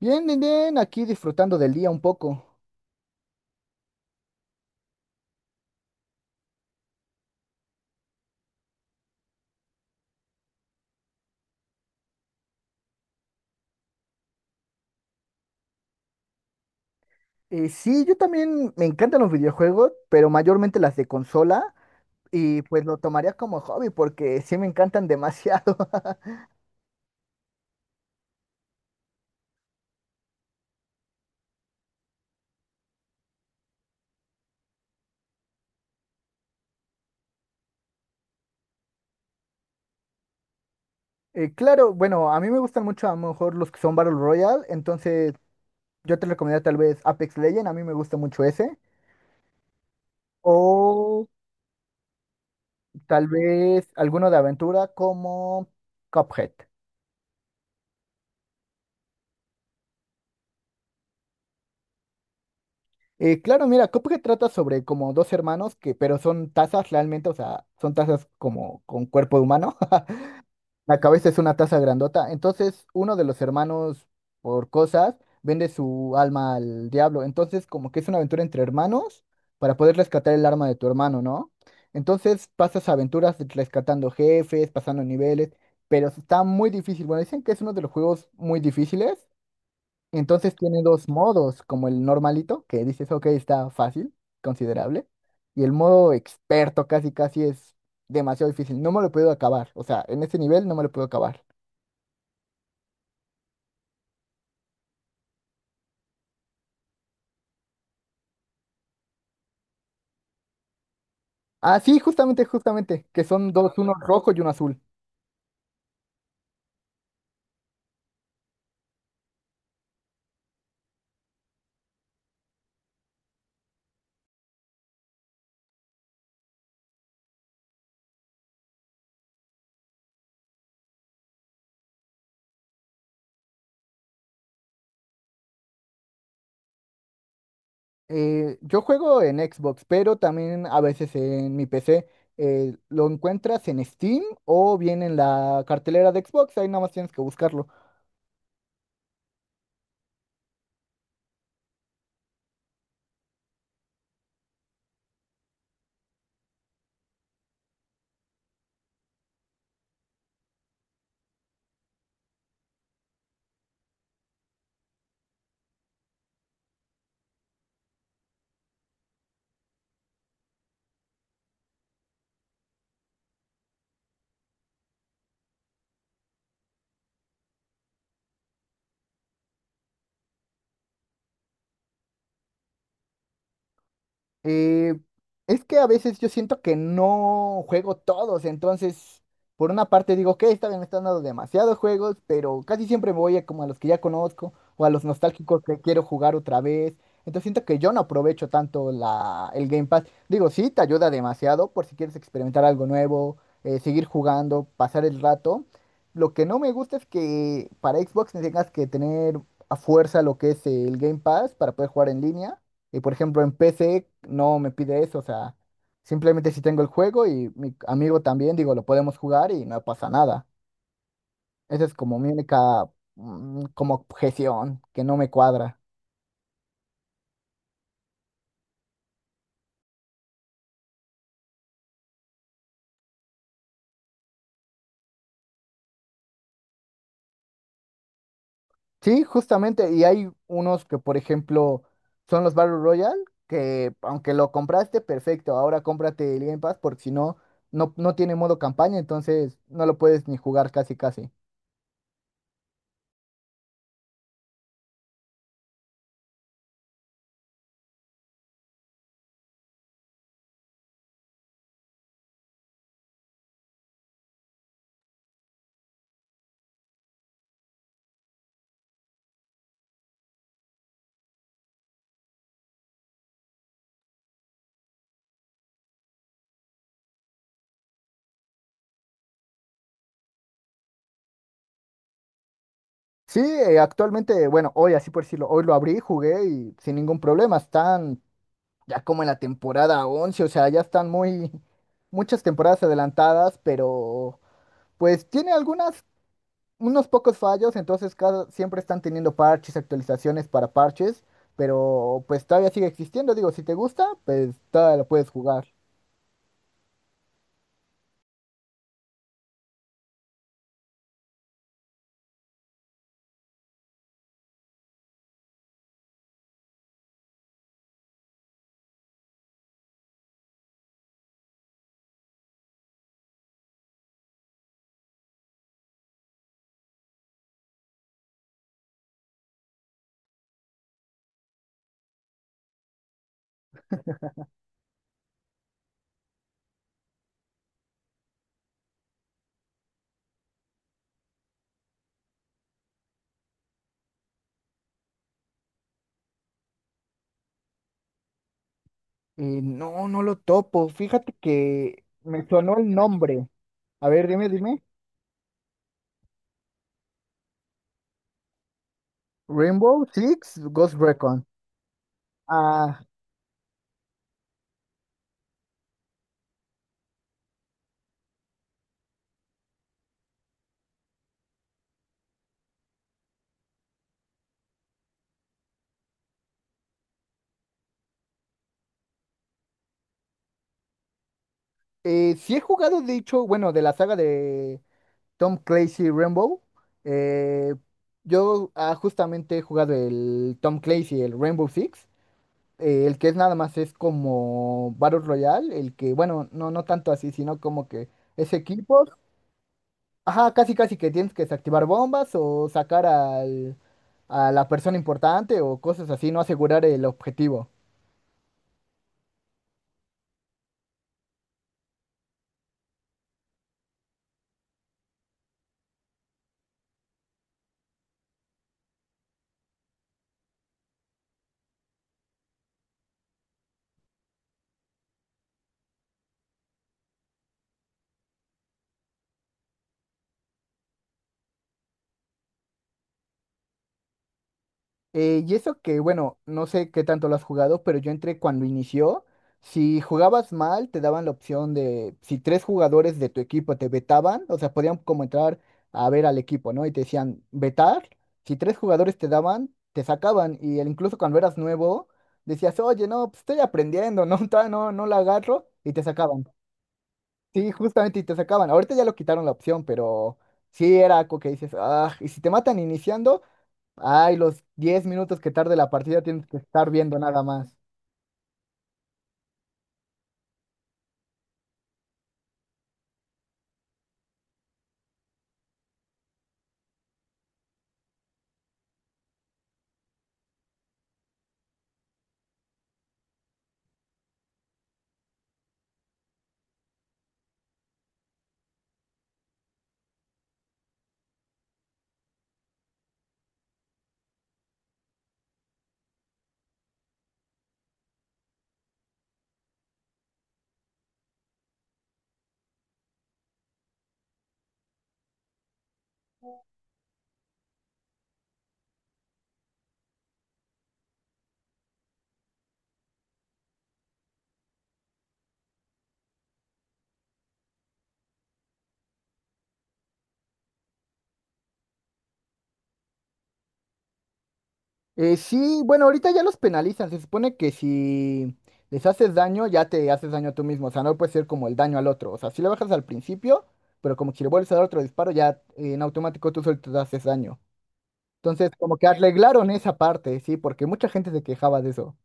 Bien, bien, bien, aquí disfrutando del día un poco. Sí, yo también me encantan los videojuegos, pero mayormente las de consola, y pues lo tomaría como hobby porque sí me encantan demasiado. Claro, bueno, a mí me gustan mucho a lo mejor los que son Battle Royale, entonces yo te recomendaría tal vez Apex Legends, a mí me gusta mucho ese, o tal vez alguno de aventura como Cuphead. Claro, mira, Cuphead trata sobre como dos hermanos que, pero son tazas realmente, o sea, son tazas como con cuerpo humano. La cabeza es una taza grandota. Entonces, uno de los hermanos, por cosas, vende su alma al diablo. Entonces, como que es una aventura entre hermanos para poder rescatar el alma de tu hermano, ¿no? Entonces, pasas aventuras rescatando jefes, pasando niveles, pero está muy difícil. Bueno, dicen que es uno de los juegos muy difíciles. Entonces tiene dos modos, como el normalito, que dices, ok, está fácil, considerable, y el modo experto casi casi es demasiado difícil. No me lo puedo acabar, o sea, en ese nivel no me lo puedo acabar. Ah, sí, justamente, justamente, que son dos, uno rojo y uno azul. Yo juego en Xbox, pero también a veces en mi PC. Lo encuentras en Steam o bien en la cartelera de Xbox, ahí nada más tienes que buscarlo. Eh, es que a veces yo siento que no juego todos, entonces por una parte digo que esta vez me están dando demasiados juegos, pero casi siempre me voy a como a los que ya conozco o a los nostálgicos que quiero jugar otra vez. Entonces siento que yo no aprovecho tanto el Game Pass. Digo, sí, te ayuda demasiado por si quieres experimentar algo nuevo, seguir jugando, pasar el rato. Lo que no me gusta es que para Xbox tengas que tener a fuerza lo que es el Game Pass para poder jugar en línea. Y por ejemplo, en PC no me pide eso, o sea, simplemente si tengo el juego y mi amigo también, digo, lo podemos jugar y no pasa nada. Esa es como mi única, como objeción que no me cuadra. Sí, justamente, y hay unos que, por ejemplo, son los Battle Royale, que aunque lo compraste, perfecto, ahora cómprate el Game Pass porque si no, no tiene modo campaña, entonces no lo puedes ni jugar casi casi. Sí, actualmente, bueno, hoy así por decirlo, hoy lo abrí, jugué y sin ningún problema, están ya como en la temporada 11 o sea, ya están muy, muchas temporadas adelantadas, pero pues tiene algunas, unos pocos fallos, entonces cada, siempre están teniendo parches, actualizaciones para parches, pero pues todavía sigue existiendo, digo, si te gusta, pues todavía lo puedes jugar. No, no lo topo, fíjate que me sonó el nombre. A ver, dime, dime. Rainbow Six Ghost Recon. Ah, sí he jugado, de hecho, bueno, de la saga de Tom Clancy Rainbow. eh, Justamente he jugado el Tom Clancy, el Rainbow Six. El que es nada más es como Battle Royale. El que, bueno, no, no tanto así, sino como que es equipos. Ajá, casi casi que tienes que desactivar bombas o sacar al, a la persona importante o cosas así, no asegurar el objetivo. Y eso que, bueno, no sé qué tanto lo has jugado, pero yo entré cuando inició. Si jugabas mal, te daban la opción de, si tres jugadores de tu equipo te vetaban, o sea, podían como entrar a ver al equipo, ¿no? Y te decían, vetar, si tres jugadores te daban, te sacaban. Y el- incluso cuando eras nuevo, decías, oye, no, pues estoy aprendiendo, no, todavía no, no la agarro, y te sacaban. Sí, justamente, y te sacaban. Ahorita ya lo quitaron la opción, pero sí era algo que dices, ah, y si te matan iniciando. Ay, los 10 minutos que tarde la partida tienes que estar viendo nada más. Sí, bueno, ahorita ya los penalizan. Se supone que si les haces daño, ya te haces daño tú mismo. O sea, no puede ser como el daño al otro. O sea, si le bajas al principio, pero como si le vuelves a dar otro disparo, ya en automático tú solo te haces daño. Entonces, como que arreglaron esa parte, sí, porque mucha gente se quejaba de eso.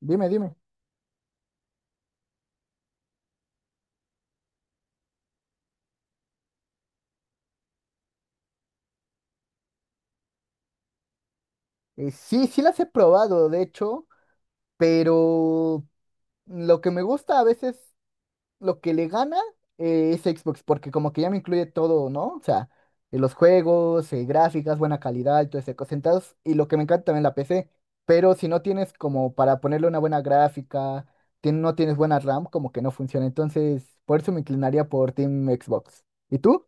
Dime, dime. Sí, sí las he probado, de hecho, pero lo que me gusta a veces lo que le gana es Xbox, porque como que ya me incluye todo, ¿no? O sea, los juegos, gráficas, buena calidad y todo ese cosas. Entonces, y lo que me encanta también la PC, pero si no tienes como para ponerle una buena gráfica, tien- no tienes buena RAM, como que no funciona. Entonces, por eso me inclinaría por Team Xbox. ¿Y tú?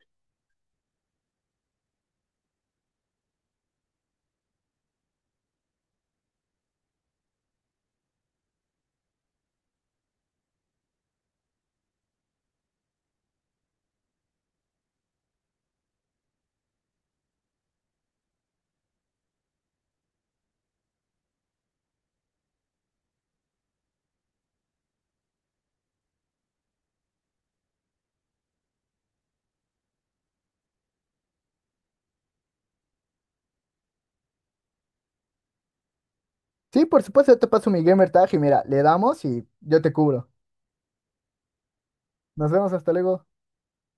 Sí, por supuesto, yo te paso mi gamer tag y mira, le damos y yo te cubro. Nos vemos, hasta luego.